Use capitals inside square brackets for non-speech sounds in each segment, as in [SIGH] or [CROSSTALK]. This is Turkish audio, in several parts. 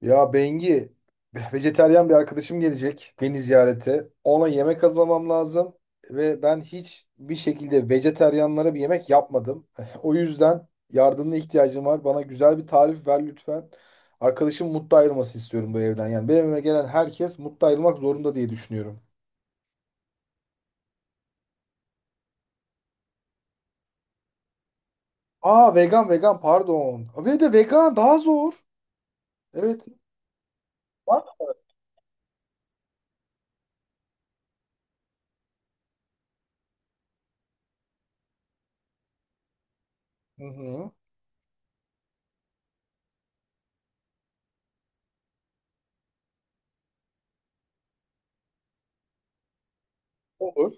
Ya Bengi, vejeteryan bir arkadaşım gelecek beni ziyarete. Ona yemek hazırlamam lazım ve ben hiç bir şekilde vejeteryanlara bir yemek yapmadım. [LAUGHS] O yüzden yardımına ihtiyacım var. Bana güzel bir tarif ver lütfen. Arkadaşım mutlu ayrılması istiyorum bu evden. Yani benim evime gelen herkes mutlu ayrılmak zorunda diye düşünüyorum. Aa, vegan pardon. Ve de vegan daha zor. Evet. Var. Hı hı. Olur.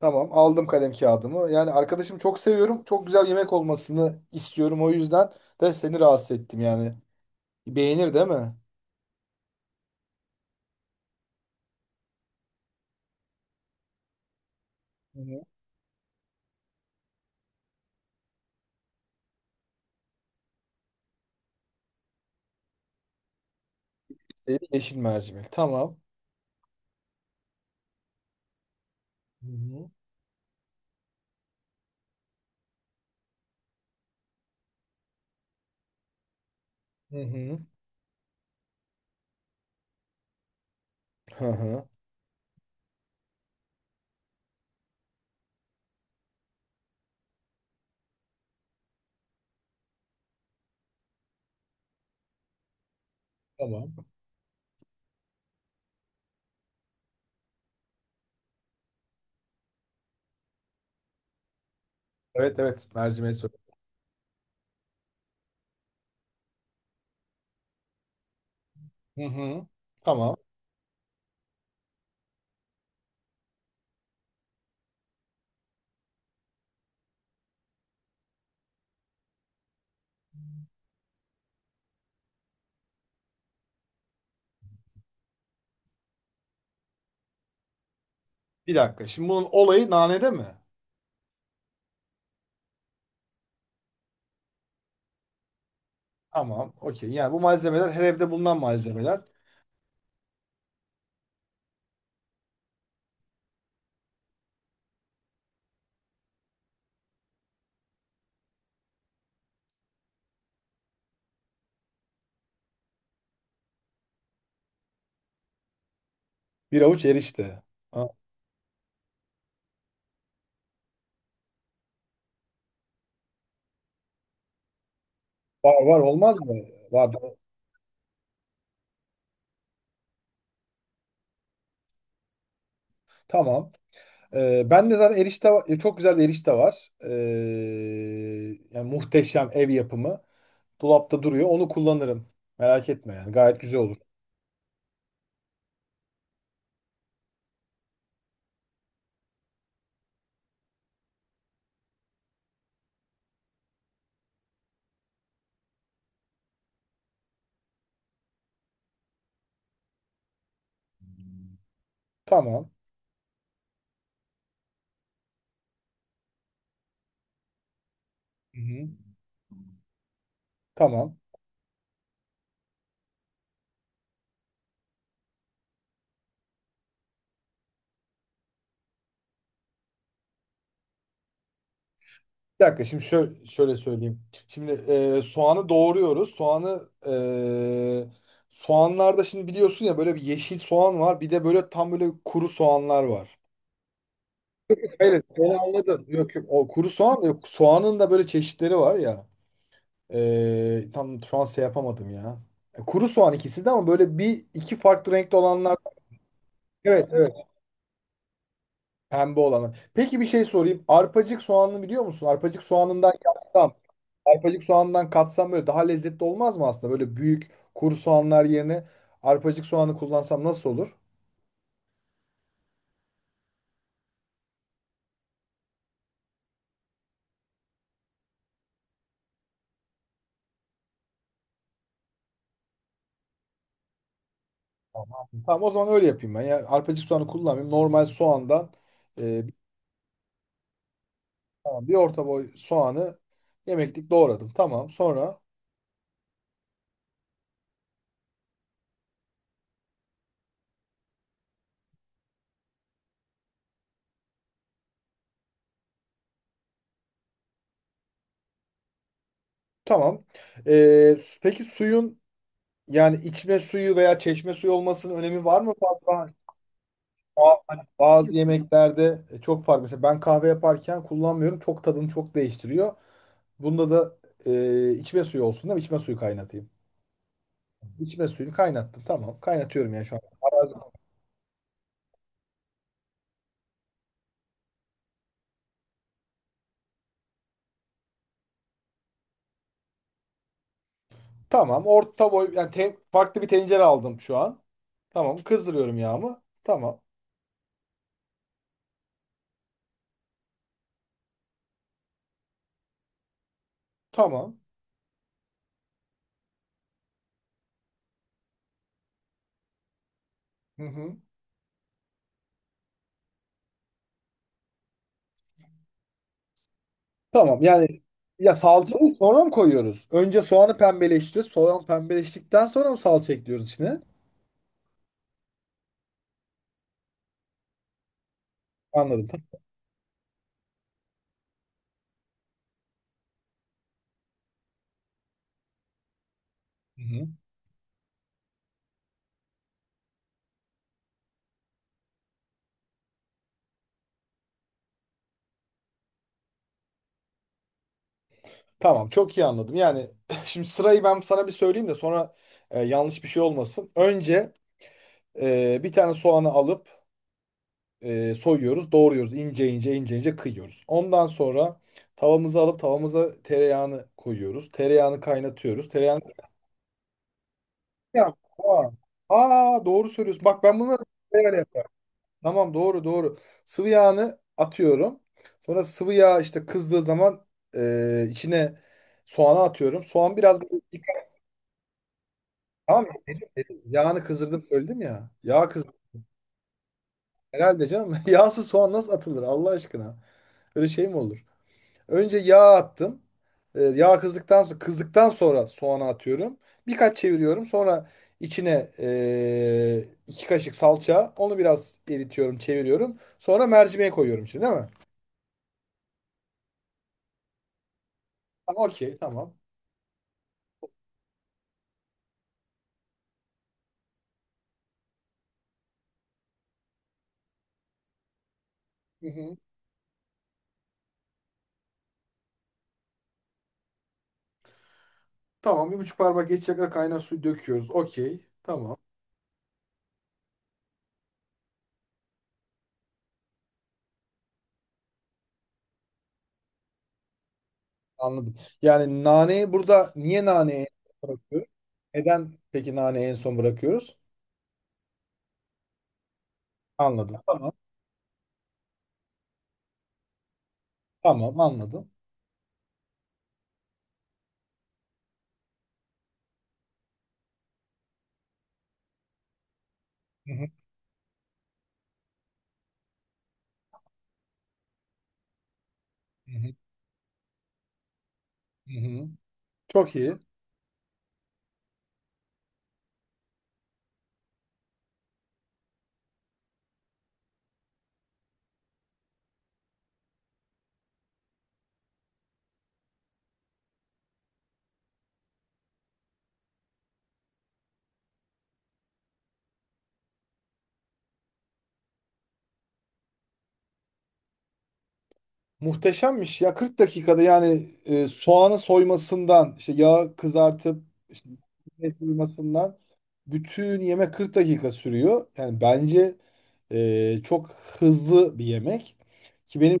Tamam, aldım kalem kağıdımı. Yani arkadaşımı çok seviyorum. Çok güzel yemek olmasını istiyorum, o yüzden de seni rahatsız ettim yani. Beğenir değil mi? Hı hı. Yeşil mercimek. Tamam. Hı hı. Hı hı. Hı hı. Tamam. Evet evet, mercimeği söyle. Hı hı. Tamam. Tamam. Bir dakika. Şimdi bunun olayı nanede mi? Tamam. Okey. Yani bu malzemeler her evde bulunan malzemeler. Bir avuç erişte. Ha. Var var, olmaz mı? Var. Tamam. Ben de zaten çok güzel bir erişte var. Yani muhteşem ev yapımı. Dolapta duruyor. Onu kullanırım. Merak etme yani. Gayet güzel olur. Tamam. Hı-hı. Tamam. Bir dakika, şöyle söyleyeyim. Şimdi soğanı doğruyoruz. Soğanlarda şimdi biliyorsun ya, böyle bir yeşil soğan var. Bir de böyle tam böyle kuru soğanlar var. Hayır, onu anladım. Yok, yok. O kuru soğan da yok. Soğanın da böyle çeşitleri var ya. Tam şu an şey yapamadım ya. Kuru soğan ikisi de, ama böyle bir iki farklı renkte olanlar. Evet, evet. Pembe olanı. Peki bir şey sorayım. Arpacık soğanını biliyor musun? Arpacık soğanından yapsam, arpacık soğanından katsam böyle daha lezzetli olmaz mı aslında? Böyle büyük kuru soğanlar yerine arpacık soğanı kullansam nasıl olur? Tamam. Tamam, o zaman öyle yapayım ben. Yani arpacık soğanı kullanmayayım. Normal soğandan e, bir, tamam, bir orta boy soğanı yemeklik doğradım. Tamam, sonra tamam. E, peki suyun, yani içme suyu veya çeşme suyu olmasının önemi var mı fazla? Hani bazı yemeklerde çok fark. Mesela ben kahve yaparken kullanmıyorum. Çok tadını çok değiştiriyor. Bunda da içme suyu olsun değil mi? İçme suyu kaynatayım. İçme suyunu kaynattım. Tamam. Kaynatıyorum yani şu an. Tamam. Orta boy yani farklı bir tencere aldım şu an. Tamam. Kızdırıyorum yağımı. Tamam. Tamam. Hı hı. Tamam. Yani ya salçayı sonra mı koyuyoruz? Önce soğanı pembeleştiriyoruz. Soğan pembeleştikten sonra mı salça ekliyoruz içine? Anladım. Tamam. Hı hı. Tamam, çok iyi anladım. Yani [LAUGHS] şimdi sırayı ben sana bir söyleyeyim de sonra yanlış bir şey olmasın. Önce bir tane soğanı alıp soyuyoruz, doğruyoruz. İnce ince ince ince kıyıyoruz. Ondan sonra tavamızı alıp tavamıza tereyağını koyuyoruz. Tereyağını kaynatıyoruz. Tereyağını... Ya, aa, aa, doğru söylüyorsun. Bak ben bunları böyle yaparım. Tamam, doğru doğru. Sıvı yağını atıyorum. Sonra sıvı yağ işte kızdığı zaman içine soğanı atıyorum. Soğan biraz böyle dikkat- tamam mı? Yağını kızdırdım söyledim ya. Yağ kızdım. Herhalde canım. [LAUGHS] Yağsız soğan nasıl atılır Allah aşkına? Öyle şey mi olur? Önce yağ attım. Yağ kızdıktan sonra soğanı atıyorum. Birkaç çeviriyorum. Sonra içine iki kaşık salça. Onu biraz eritiyorum, çeviriyorum. Sonra mercimeğe koyuyorum içine, değil mi? Tamam, okey tamam. Hı hı. Tamam, bir buçuk parmak geçecek kadar kaynar suyu döküyoruz. Okey, tamam. Anladım. Yani naneyi burada niye naneyi en son bırakıyoruz? Neden peki naneyi en son bırakıyoruz? Anladım. Tamam. Tamam, anladım. Hı hı. Hı hı. Hı hı. Çok iyi. Muhteşemmiş ya, 40 dakikada yani soğanı soymasından, işte yağı kızartıp işte et soymasından bütün yemek 40 dakika sürüyor. Yani bence çok hızlı bir yemek, ki benim.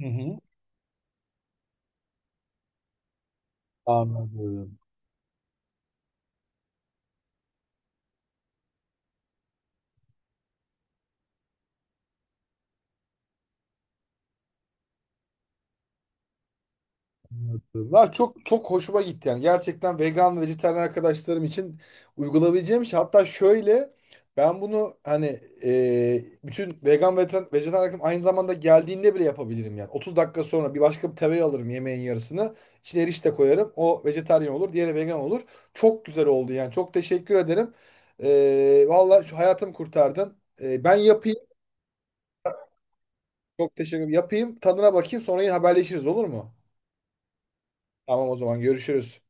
Hı hı. Anladım. Ya çok çok hoşuma gitti yani. Gerçekten vegan ve vejetaryen arkadaşlarım için uygulayabileceğim şey. Hatta şöyle, ben bunu hani bütün vegan ve vejetaryen arkadaşlarım aynı zamanda geldiğinde bile yapabilirim yani. 30 dakika sonra bir başka bir tereyağı alırım yemeğin yarısını. İçine erişte koyarım. O vejetaryen olur, diğeri vegan olur. Çok güzel oldu yani. Çok teşekkür ederim. Vallahi şu hayatımı kurtardın. Ben yapayım. Çok teşekkür ederim. Yapayım. Tadına bakayım. Sonra yine haberleşiriz, olur mu? Tamam, o zaman görüşürüz.